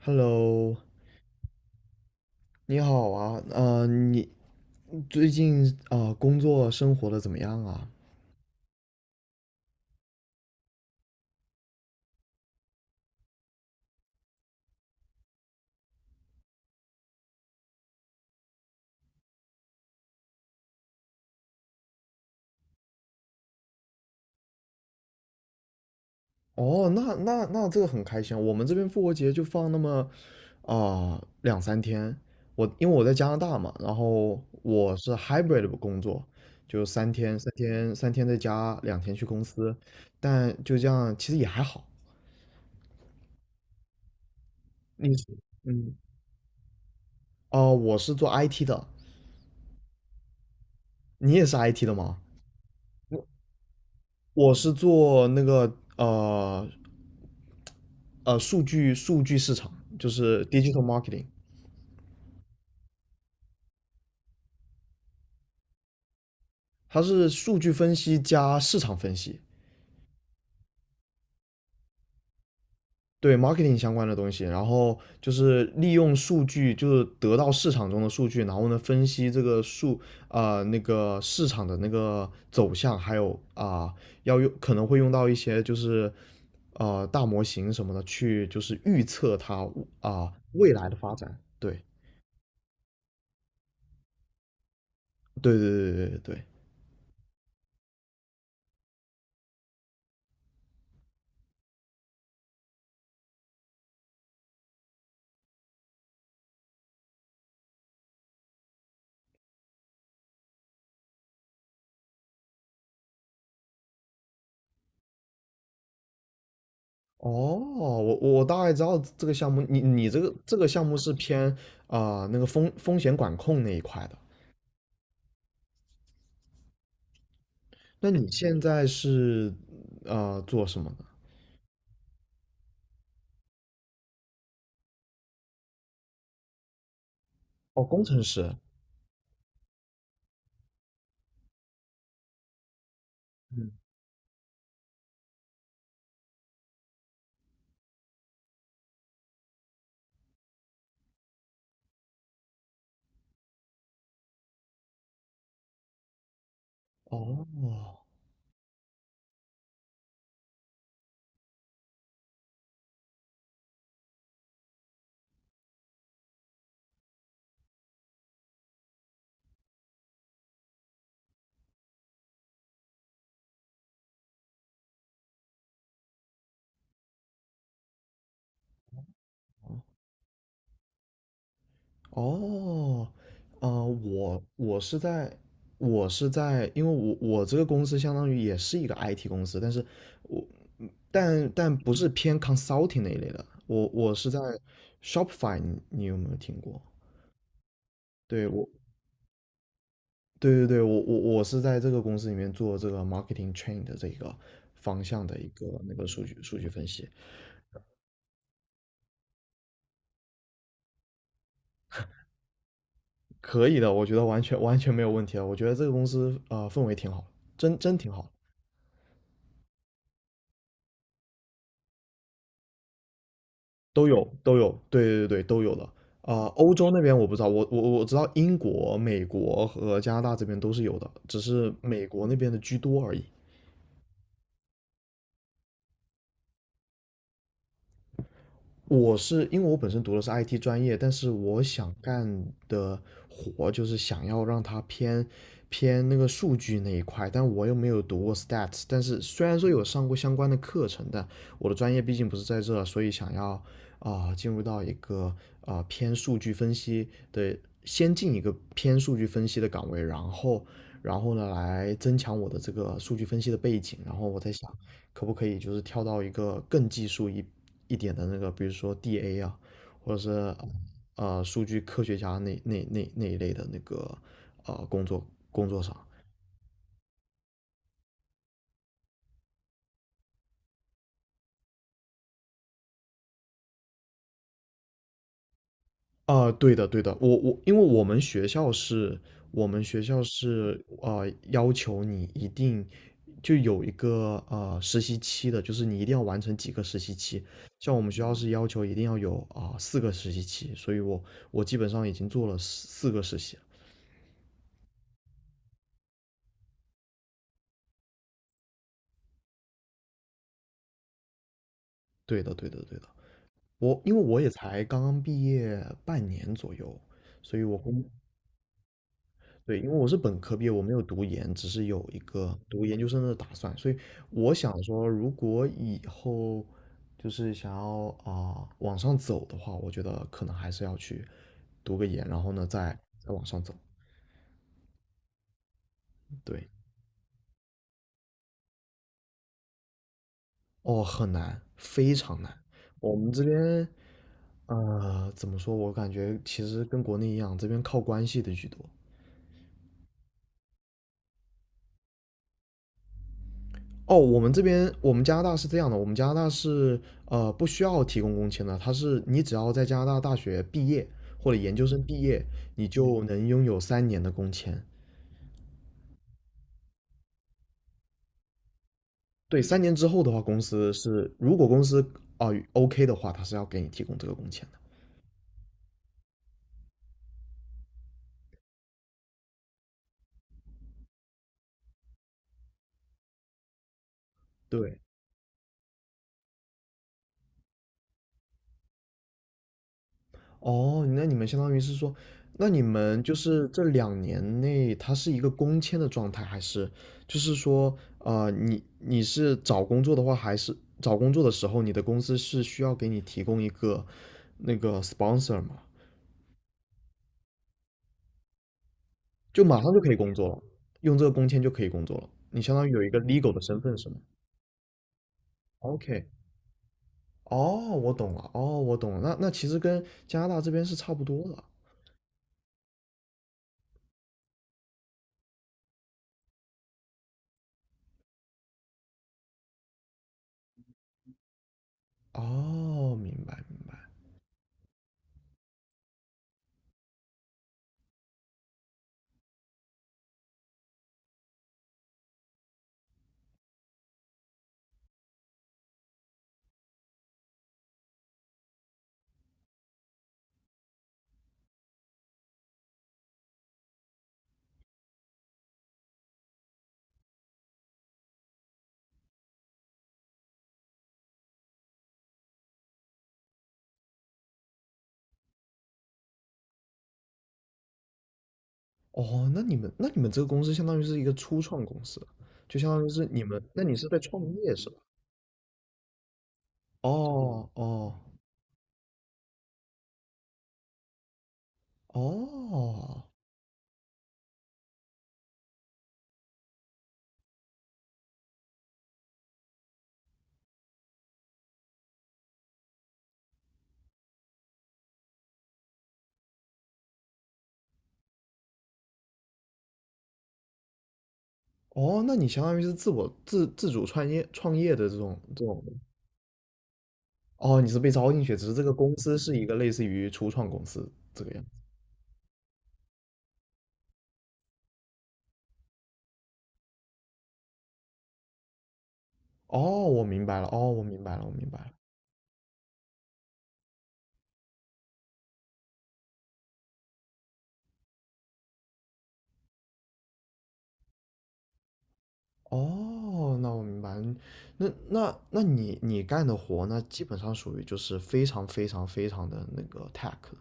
Hello，你好啊，你最近工作生活的怎么样啊？哦，那这个很开心啊，我们这边复活节就放那么两三天。因为我在加拿大嘛，然后我是 hybrid 的工作，就三天在家，两天去公司，但就这样其实也还好。你是嗯哦、我是做 IT 的。你也是 IT 的吗？我是做那个数据市场，就是 digital marketing。它是数据分析加市场分析，对 marketing 相关的东西，然后就是利用数据，就是得到市场中的数据，然后呢分析这个数啊、呃那个市场的那个走向，还有可能会用到一些就是大模型什么的去就是预测它未来的发展。对对对对对对对。哦，我大概知道这个项目，你这个项目是偏那个风险管控那一块的。那你现在是做什么的？哦，工程师。嗯，哦哦，我我是在我是在，因为我我这个公司相当于也是一个 IT 公司，但是我但不是偏 consulting 那一类的，我是在 Shopify，你有没有听过？对我对对对，我是在这个公司里面做这个 marketing train 的这个方向的一个那个数据分析。可以的，我觉得完全完全没有问题了。我觉得这个公司氛围挺好，真挺好。都有都有，对对对都有的。欧洲那边我不知道，我知道英国、美国和加拿大这边都是有的，只是美国那边的居多而已。我是因为我本身读的是 IT 专业，但是我想干的活就是想要让它偏那个数据那一块，但我又没有读过 stats，但是虽然说有上过相关的课程，但我的专业毕竟不是在这，所以想要进入到一个偏数据分析的，先进一个偏数据分析的岗位，然后呢来增强我的这个数据分析的背景，然后我在想可不可以就是跳到一个更技术一点的那个，比如说 DA 啊，或者是数据科学家那一类的那个啊工作工作上。对的，对的。我因为我们学校是要求你一定就有一个实习期的，就是你一定要完成几个实习期。像我们学校是要求一定要有4个实习期，所以我基本上已经做了四个实习了。对的，对的，对的。我因为我也才刚刚毕业半年左右，所以对，因为我是本科毕业，我没有读研，只是有一个读研究生的打算，所以我想说，如果以后就是想要往上走的话，我觉得可能还是要去读个研，然后呢再往上走。对，哦，很难，非常难。我们这边，怎么说？我感觉其实跟国内一样，这边靠关系的居多。哦，我们加拿大是这样的，我们加拿大是不需要提供工签的，它是你只要在加拿大大学毕业或者研究生毕业，你就能拥有三年的工签。对，三年之后的话，公司是如果公司OK 的话，它是要给你提供这个工签的。对，哦，那你们相当于是说，那你们就是这2年内，它是一个公签的状态，还是就是说，你是找工作的话，还是找工作的时候，你的公司是需要给你提供一个那个 sponsor 吗？就马上就可以工作了，用这个工签就可以工作了，你相当于有一个 legal 的身份是吗？OK，哦，我懂了，哦，我懂了，那其实跟加拿大这边是差不多的，哦，明白明白。哦，那你们这个公司相当于是一个初创公司，就相当于是你们，那你是在创业是吧？哦哦哦哦，那你相当于是自我自自主创业的这种，哦，你是被招进去，只是这个公司是一个类似于初创公司这个样子。哦，我明白了，哦，我明白了，我明白了。哦，那我明白了那你干的活那基本上属于就是非常非常非常的那个 tech 了。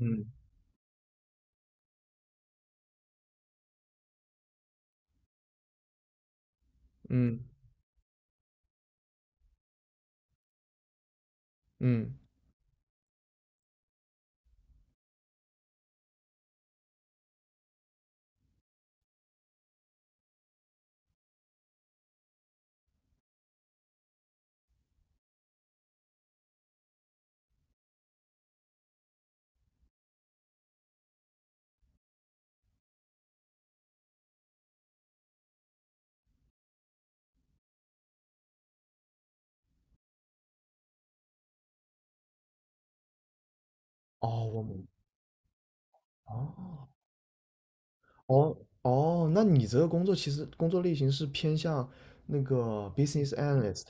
嗯嗯，嗯，哦，哦，哦，哦，那你这个工作其实工作类型是偏向那个 business analyst。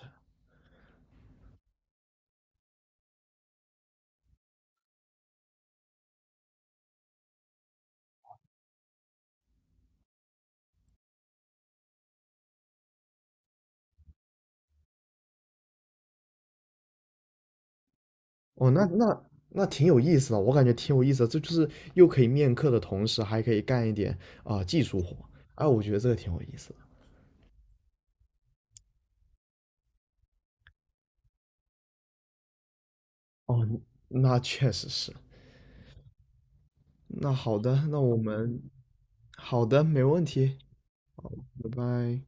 哦，那挺有意思的，我感觉挺有意思的，这就是又可以面客的同时，还可以干一点技术活，哎，我觉得这个挺有意思的。哦，那确实是。那好的，那我们好的，没问题，拜拜。